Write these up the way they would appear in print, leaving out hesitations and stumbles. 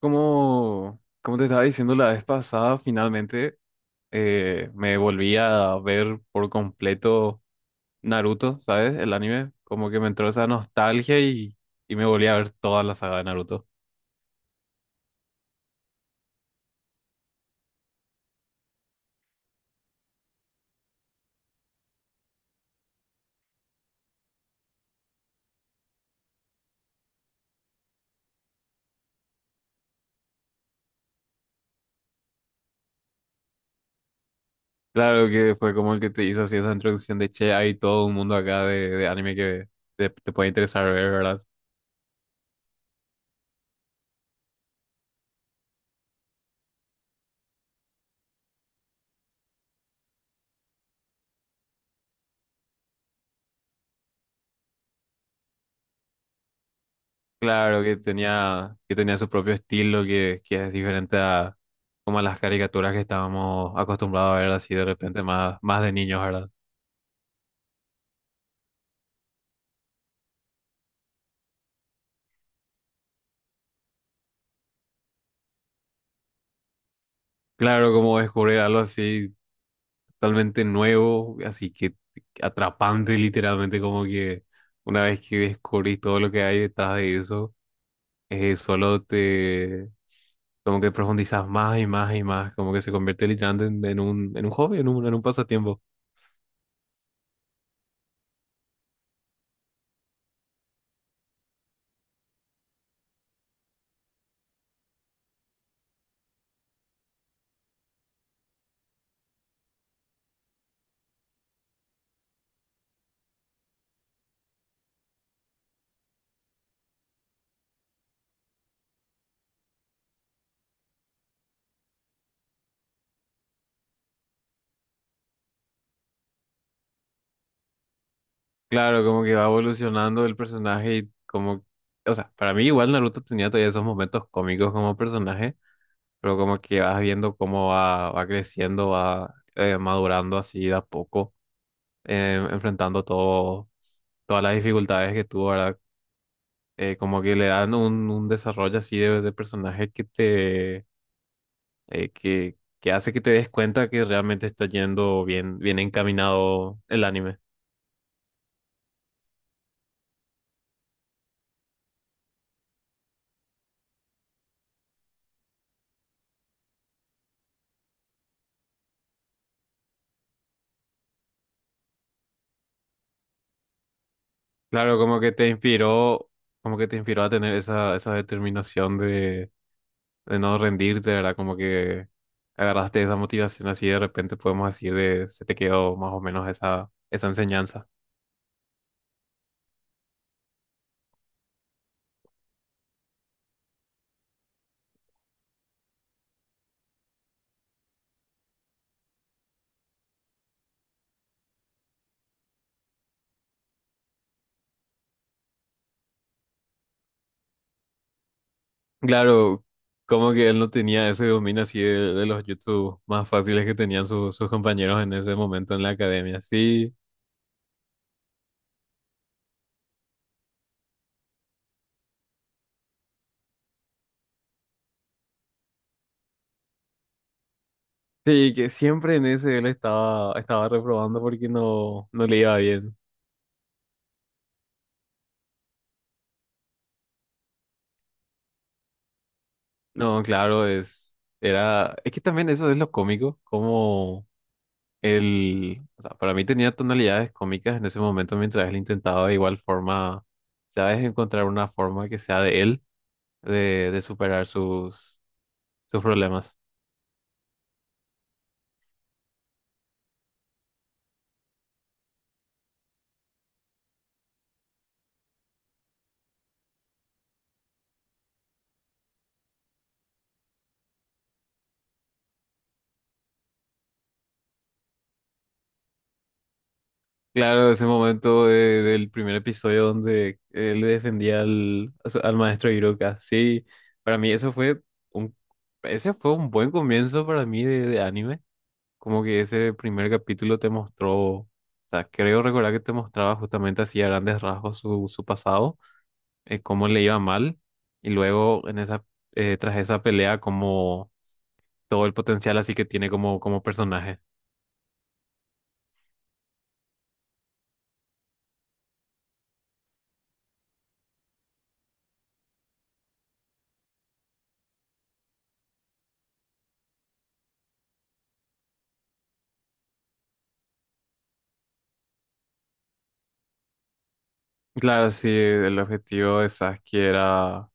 Como te estaba diciendo la vez pasada, finalmente me volví a ver por completo Naruto, ¿sabes? El anime. Como que me entró esa nostalgia y me volví a ver toda la saga de Naruto. Claro que fue como el que te hizo así esa introducción de che, hay todo un mundo acá de anime que te puede interesar ver, ¿verdad? Claro que tenía su propio estilo que es diferente a como a las caricaturas que estábamos acostumbrados a ver así de repente más de niños, ¿verdad? Claro, como descubrir algo así totalmente nuevo, así que atrapante literalmente, como que una vez que descubrís todo lo que hay detrás de eso, eh, solo te, como que profundizas más y más, como que se convierte literalmente en un hobby, en un pasatiempo. Claro, como que va evolucionando el personaje y como, o sea, para mí igual Naruto tenía todavía esos momentos cómicos como personaje, pero como que vas viendo cómo va creciendo, va madurando así de a poco enfrentando todas las dificultades que tuvo, ¿verdad? Como que le dan un desarrollo así de personaje que hace que te des cuenta que realmente está yendo bien encaminado el anime. Claro, como que te inspiró, como que te inspiró a tener esa determinación de no rendirte, ¿verdad? Como que agarraste esa motivación así de repente podemos decir de, se te quedó más o menos esa enseñanza. Claro, como que él no tenía ese dominio así de los YouTube más fáciles que tenían sus compañeros en ese momento en la academia. Sí, sí, que siempre en ese él estaba reprobando porque no le iba bien. No, claro, es, era, es que también eso es lo cómico, como él, o sea, para mí tenía tonalidades cómicas en ese momento mientras él intentaba de igual forma, ¿sabes? Encontrar una forma que sea de él, de superar sus problemas. Claro, ese momento del primer episodio donde él le defendía al maestro Hiroka. Sí, para mí eso fue un, ese fue un buen comienzo para mí de anime. Como que ese primer capítulo te mostró, o sea, creo recordar que te mostraba justamente así a grandes rasgos su pasado, cómo le iba mal, y luego en tras esa pelea, como todo el potencial así que tiene como, como personaje. Claro, sí, el objetivo de Sasuke era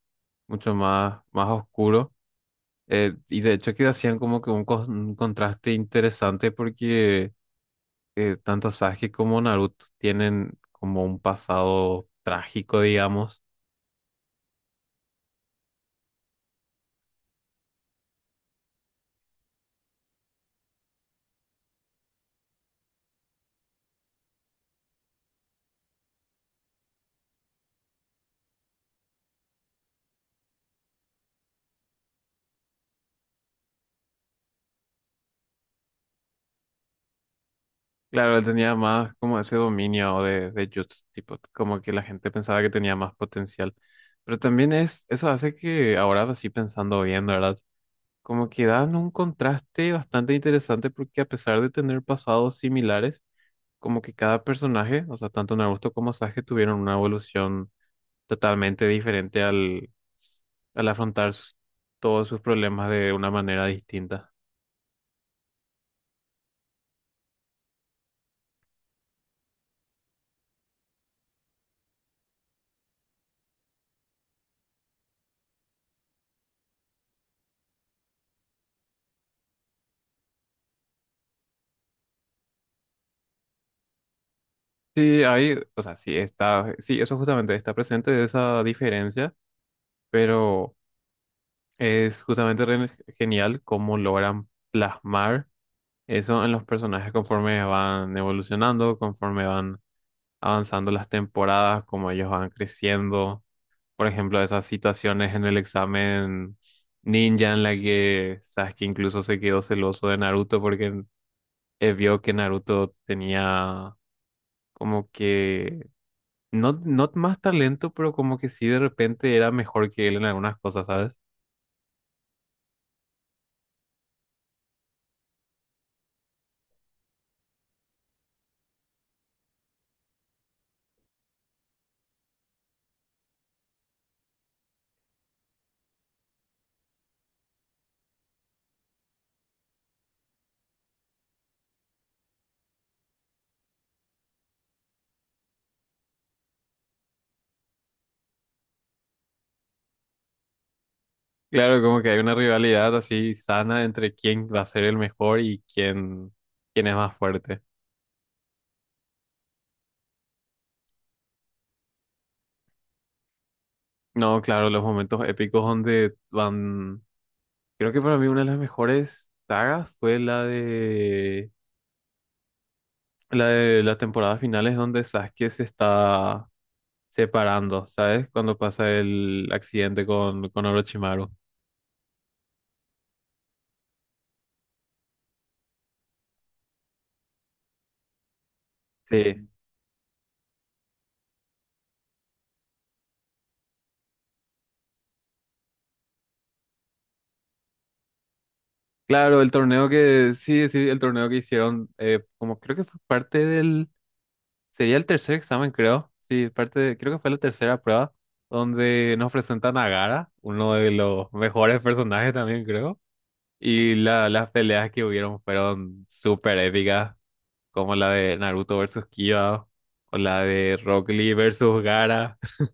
más oscuro. Y de hecho que hacían como que un contraste interesante porque tanto Sasuke como Naruto tienen como un pasado trágico, digamos. Claro, él tenía más como ese dominio de Jutsu, tipo, como que la gente pensaba que tenía más potencial. Pero también es, eso hace que ahora sí pensando bien, ¿verdad? Como que dan un contraste bastante interesante porque a pesar de tener pasados similares, como que cada personaje, o sea, tanto Naruto como Sasuke tuvieron una evolución totalmente diferente al afrontar todos sus problemas de una manera distinta. Sí, hay, o sea, sí está, sí, eso justamente está presente esa diferencia, pero es justamente genial cómo logran plasmar eso en los personajes conforme van evolucionando, conforme van avanzando las temporadas, como ellos van creciendo. Por ejemplo, esas situaciones en el examen ninja en la que Sasuke incluso se quedó celoso de Naruto porque vio que Naruto tenía como que no más talento, pero como que sí de repente era mejor que él en algunas cosas, ¿sabes? Claro, como que hay una rivalidad así sana entre quién va a ser el mejor quién es más fuerte. No, claro, los momentos épicos donde van. Creo que para mí una de las mejores sagas fue la de las temporadas finales donde Sasuke se está separando, ¿sabes? Cuando pasa el accidente con Orochimaru. Sí. Claro, el torneo que, sí, sí, el torneo que hicieron, como creo que fue parte sería el tercer examen, creo. Sí, creo que fue la tercera prueba donde nos presentan a Gaara, uno de los mejores personajes también, creo. Y las peleas que hubieron fueron súper épicas, como la de Naruto versus Kiba o la de Rock Lee versus Gaara.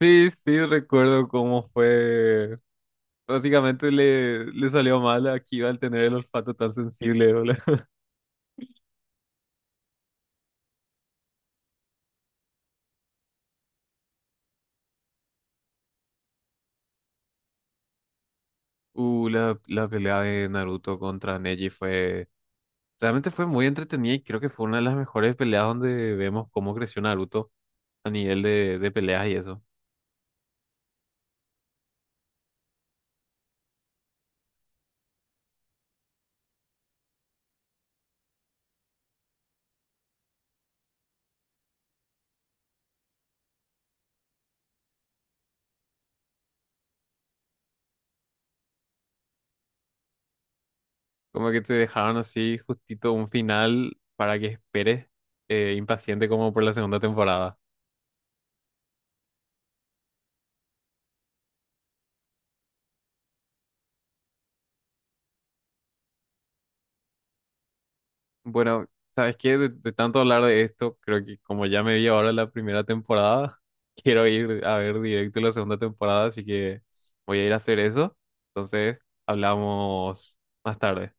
Sí, sí, recuerdo cómo fue. Básicamente le salió mal a Kiba al tener el olfato tan sensible, ¿no? La pelea de Naruto contra Neji fue... Realmente fue muy entretenida y creo que fue una de las mejores peleas donde vemos cómo creció Naruto a nivel de peleas y eso. Como que te dejaron así justito un final para que esperes impaciente como por la segunda temporada. Bueno, ¿sabes qué? De tanto hablar de esto, creo que como ya me vi ahora la primera temporada, quiero ir a ver directo la segunda temporada, así que voy a ir a hacer eso. Entonces, hablamos más tarde.